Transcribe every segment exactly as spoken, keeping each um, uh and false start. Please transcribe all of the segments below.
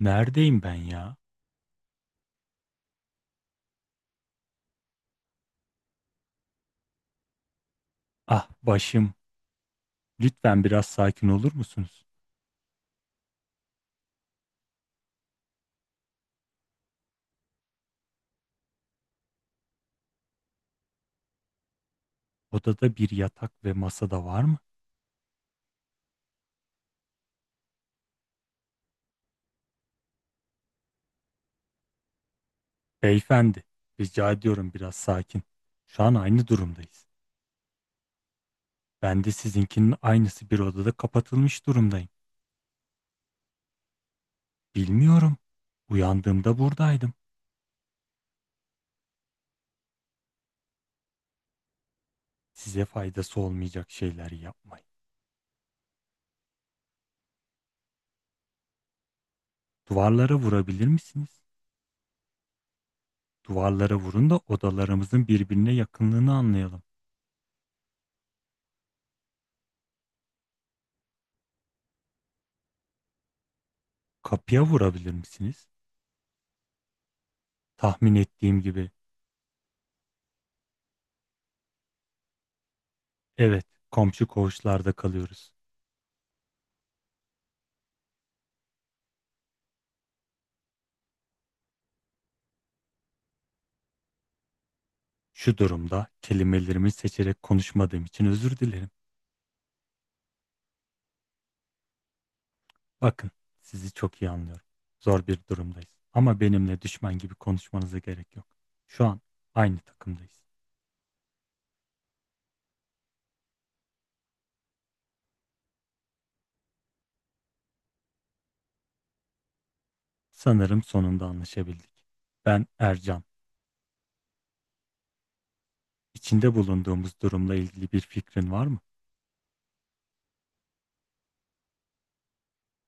Neredeyim ben ya? Ah başım. Lütfen biraz sakin olur musunuz? Odada bir yatak ve masada var mı? Beyefendi, rica ediyorum biraz sakin. Şu an aynı durumdayız. Ben de sizinkinin aynısı bir odada kapatılmış durumdayım. Bilmiyorum. Uyandığımda buradaydım. Size faydası olmayacak şeyler yapmayın. Duvarlara vurabilir misiniz? Duvarlara vurun da odalarımızın birbirine yakınlığını anlayalım. Kapıya vurabilir misiniz? Tahmin ettiğim gibi. Evet, komşu koğuşlarda kalıyoruz. Şu durumda kelimelerimi seçerek konuşmadığım için özür dilerim. Bakın, sizi çok iyi anlıyorum. Zor bir durumdayız. Ama benimle düşman gibi konuşmanıza gerek yok. Şu an aynı takımdayız. Sanırım sonunda anlaşabildik. Ben Ercan. İçinde bulunduğumuz durumla ilgili bir fikrin var mı?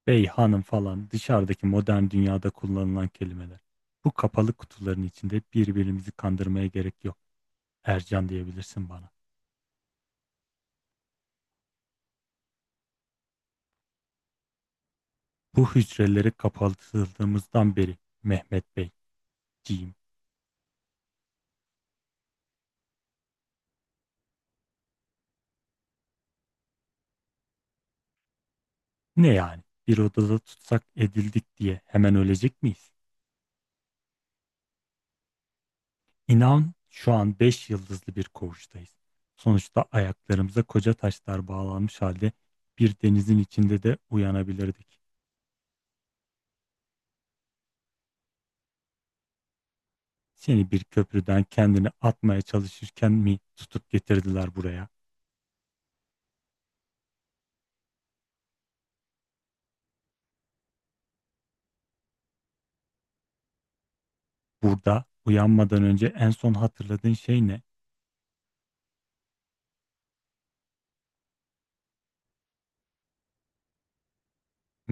Bey, hanım falan dışarıdaki modern dünyada kullanılan kelimeler. Bu kapalı kutuların içinde birbirimizi kandırmaya gerek yok. Ercan diyebilirsin bana. Bu hücreleri kapatıldığımızdan beri Mehmet Beyciğim. Ne yani? Bir odada tutsak edildik diye hemen ölecek miyiz? İnan şu an beş yıldızlı bir koğuştayız. Sonuçta ayaklarımıza koca taşlar bağlanmış halde bir denizin içinde de uyanabilirdik. Seni bir köprüden kendini atmaya çalışırken mi tutup getirdiler buraya? Burada uyanmadan önce en son hatırladığın şey ne?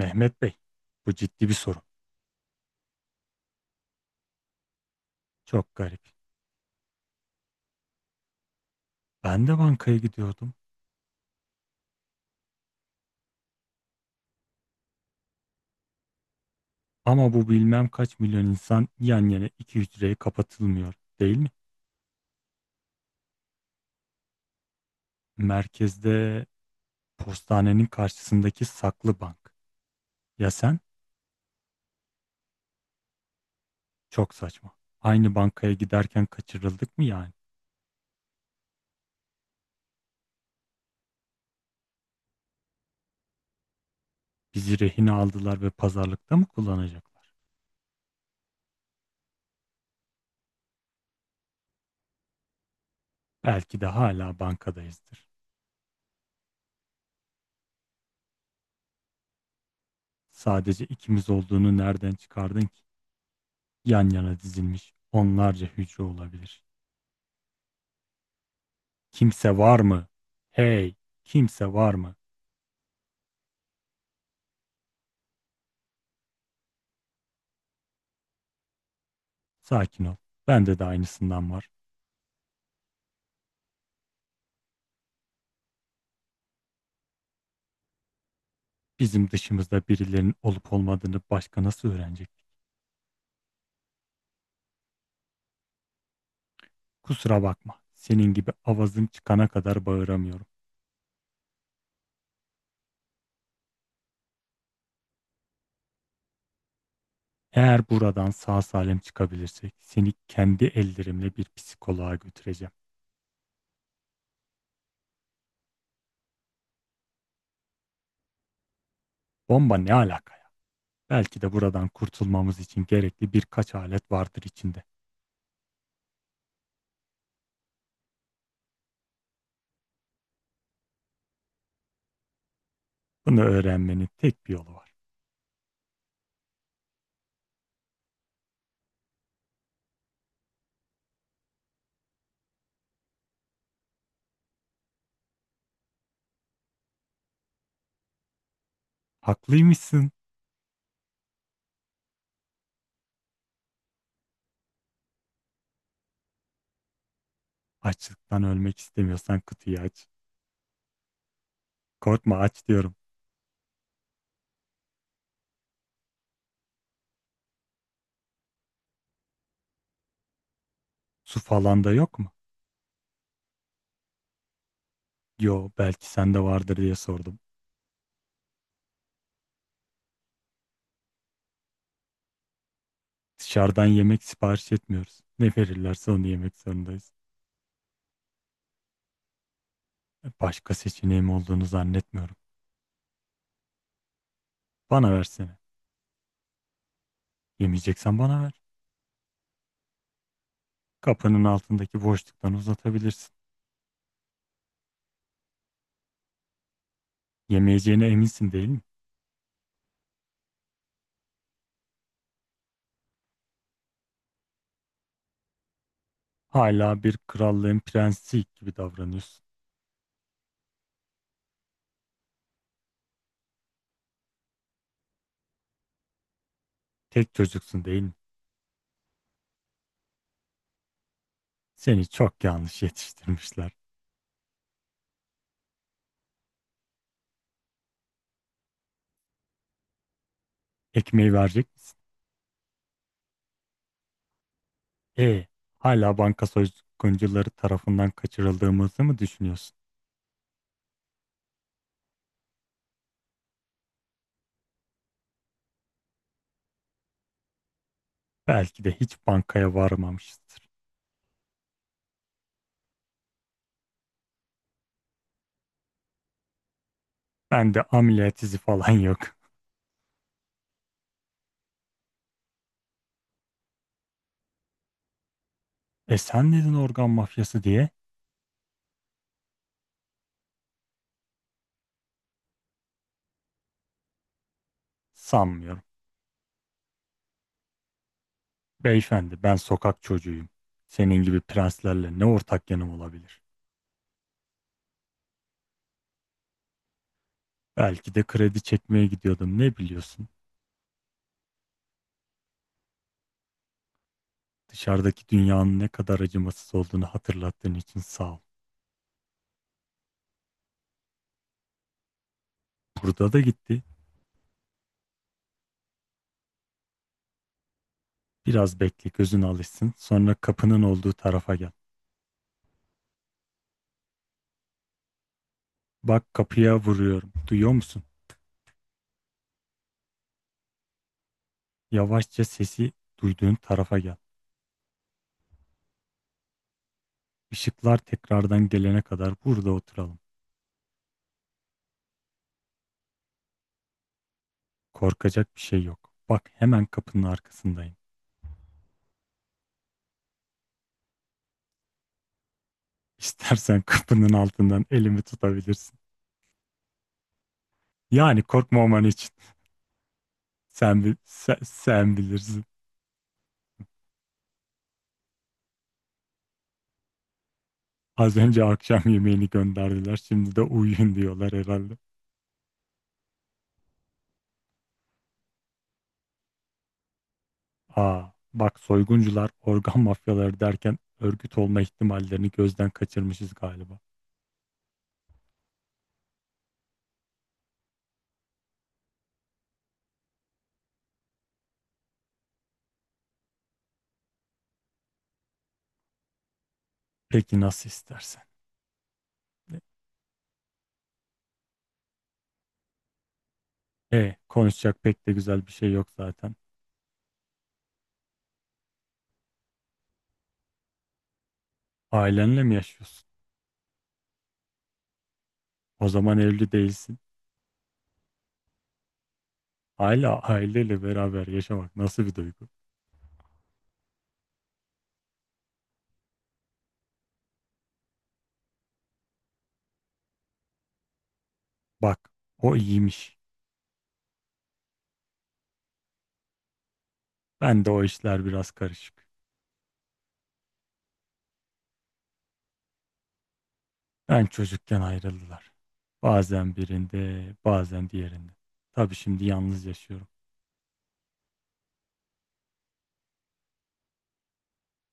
Mehmet Bey, bu ciddi bir sorun. Çok garip. Ben de bankaya gidiyordum. Ama bu bilmem kaç milyon insan yan yana iki hücreye kapatılmıyor, değil mi? Merkezde postanenin karşısındaki saklı bank. Ya sen? Çok saçma. Aynı bankaya giderken kaçırıldık mı yani? Bizi rehine aldılar ve pazarlıkta mı kullanacaklar? Belki de hala bankadayızdır. Sadece ikimiz olduğunu nereden çıkardın ki? Yan yana dizilmiş onlarca hücre olabilir. Kimse var mı? Hey, kimse var mı? Sakin ol. Bende de aynısından var. Bizim dışımızda birilerinin olup olmadığını başka nasıl öğrenecek? Kusura bakma. Senin gibi avazım çıkana kadar bağıramıyorum. Eğer buradan sağ salim çıkabilirsek seni kendi ellerimle bir psikoloğa götüreceğim. Bomba ne alaka ya? Belki de buradan kurtulmamız için gerekli birkaç alet vardır içinde. Bunu öğrenmenin tek bir yolu var. Haklıymışsın. Açlıktan ölmek istemiyorsan kutuyu aç. Korkma, aç diyorum. Su falan da yok mu? Yo, belki sende vardır diye sordum. Dışarıdan yemek sipariş etmiyoruz. Ne verirlerse onu yemek zorundayız. Başka seçeneğim olduğunu zannetmiyorum. Bana versene. Yemeyeceksen bana ver. Kapının altındaki boşluktan uzatabilirsin. Yemeyeceğine eminsin değil mi? Hala bir krallığın prensi gibi davranıyorsun. Tek çocuksun değil mi? Seni çok yanlış yetiştirmişler. Ekmeği verecek misin? E, hala banka soyguncuları tarafından kaçırıldığımızı mı düşünüyorsun? Belki de hiç bankaya varmamışızdır. Ben de ameliyat izi falan yok. E sen dedin organ mafyası diye sanmıyorum. Beyefendi ben sokak çocuğuyum. Senin gibi prenslerle ne ortak yanım olabilir? Belki de kredi çekmeye gidiyordum, ne biliyorsun? Dışarıdaki dünyanın ne kadar acımasız olduğunu hatırlattığın için sağ ol. Burada da gitti. Biraz bekle, gözün alışsın. Sonra kapının olduğu tarafa gel. Bak, kapıya vuruyorum. Duyuyor musun? Yavaşça sesi duyduğun tarafa gel. Işıklar tekrardan gelene kadar burada oturalım. Korkacak bir şey yok. Bak, hemen kapının arkasındayım. İstersen kapının altından elimi tutabilirsin. Yani korkmaman için. Sen, bil- sen, sen bilirsin. Az önce akşam yemeğini gönderdiler. Şimdi de uyuyun diyorlar herhalde. Aa, bak, soyguncular organ mafyaları derken örgüt olma ihtimallerini gözden kaçırmışız galiba. Peki, nasıl istersen. E, konuşacak pek de güzel bir şey yok zaten. Ailenle mi yaşıyorsun? O zaman evli değilsin. Hala aileyle beraber yaşamak nasıl bir duygu? Bak, o iyiymiş. Ben de o işler biraz karışık. Ben çocukken ayrıldılar. Bazen birinde, bazen diğerinde. Tabii şimdi yalnız yaşıyorum.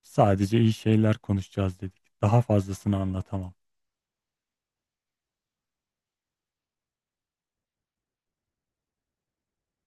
Sadece iyi şeyler konuşacağız dedik. Daha fazlasını anlatamam.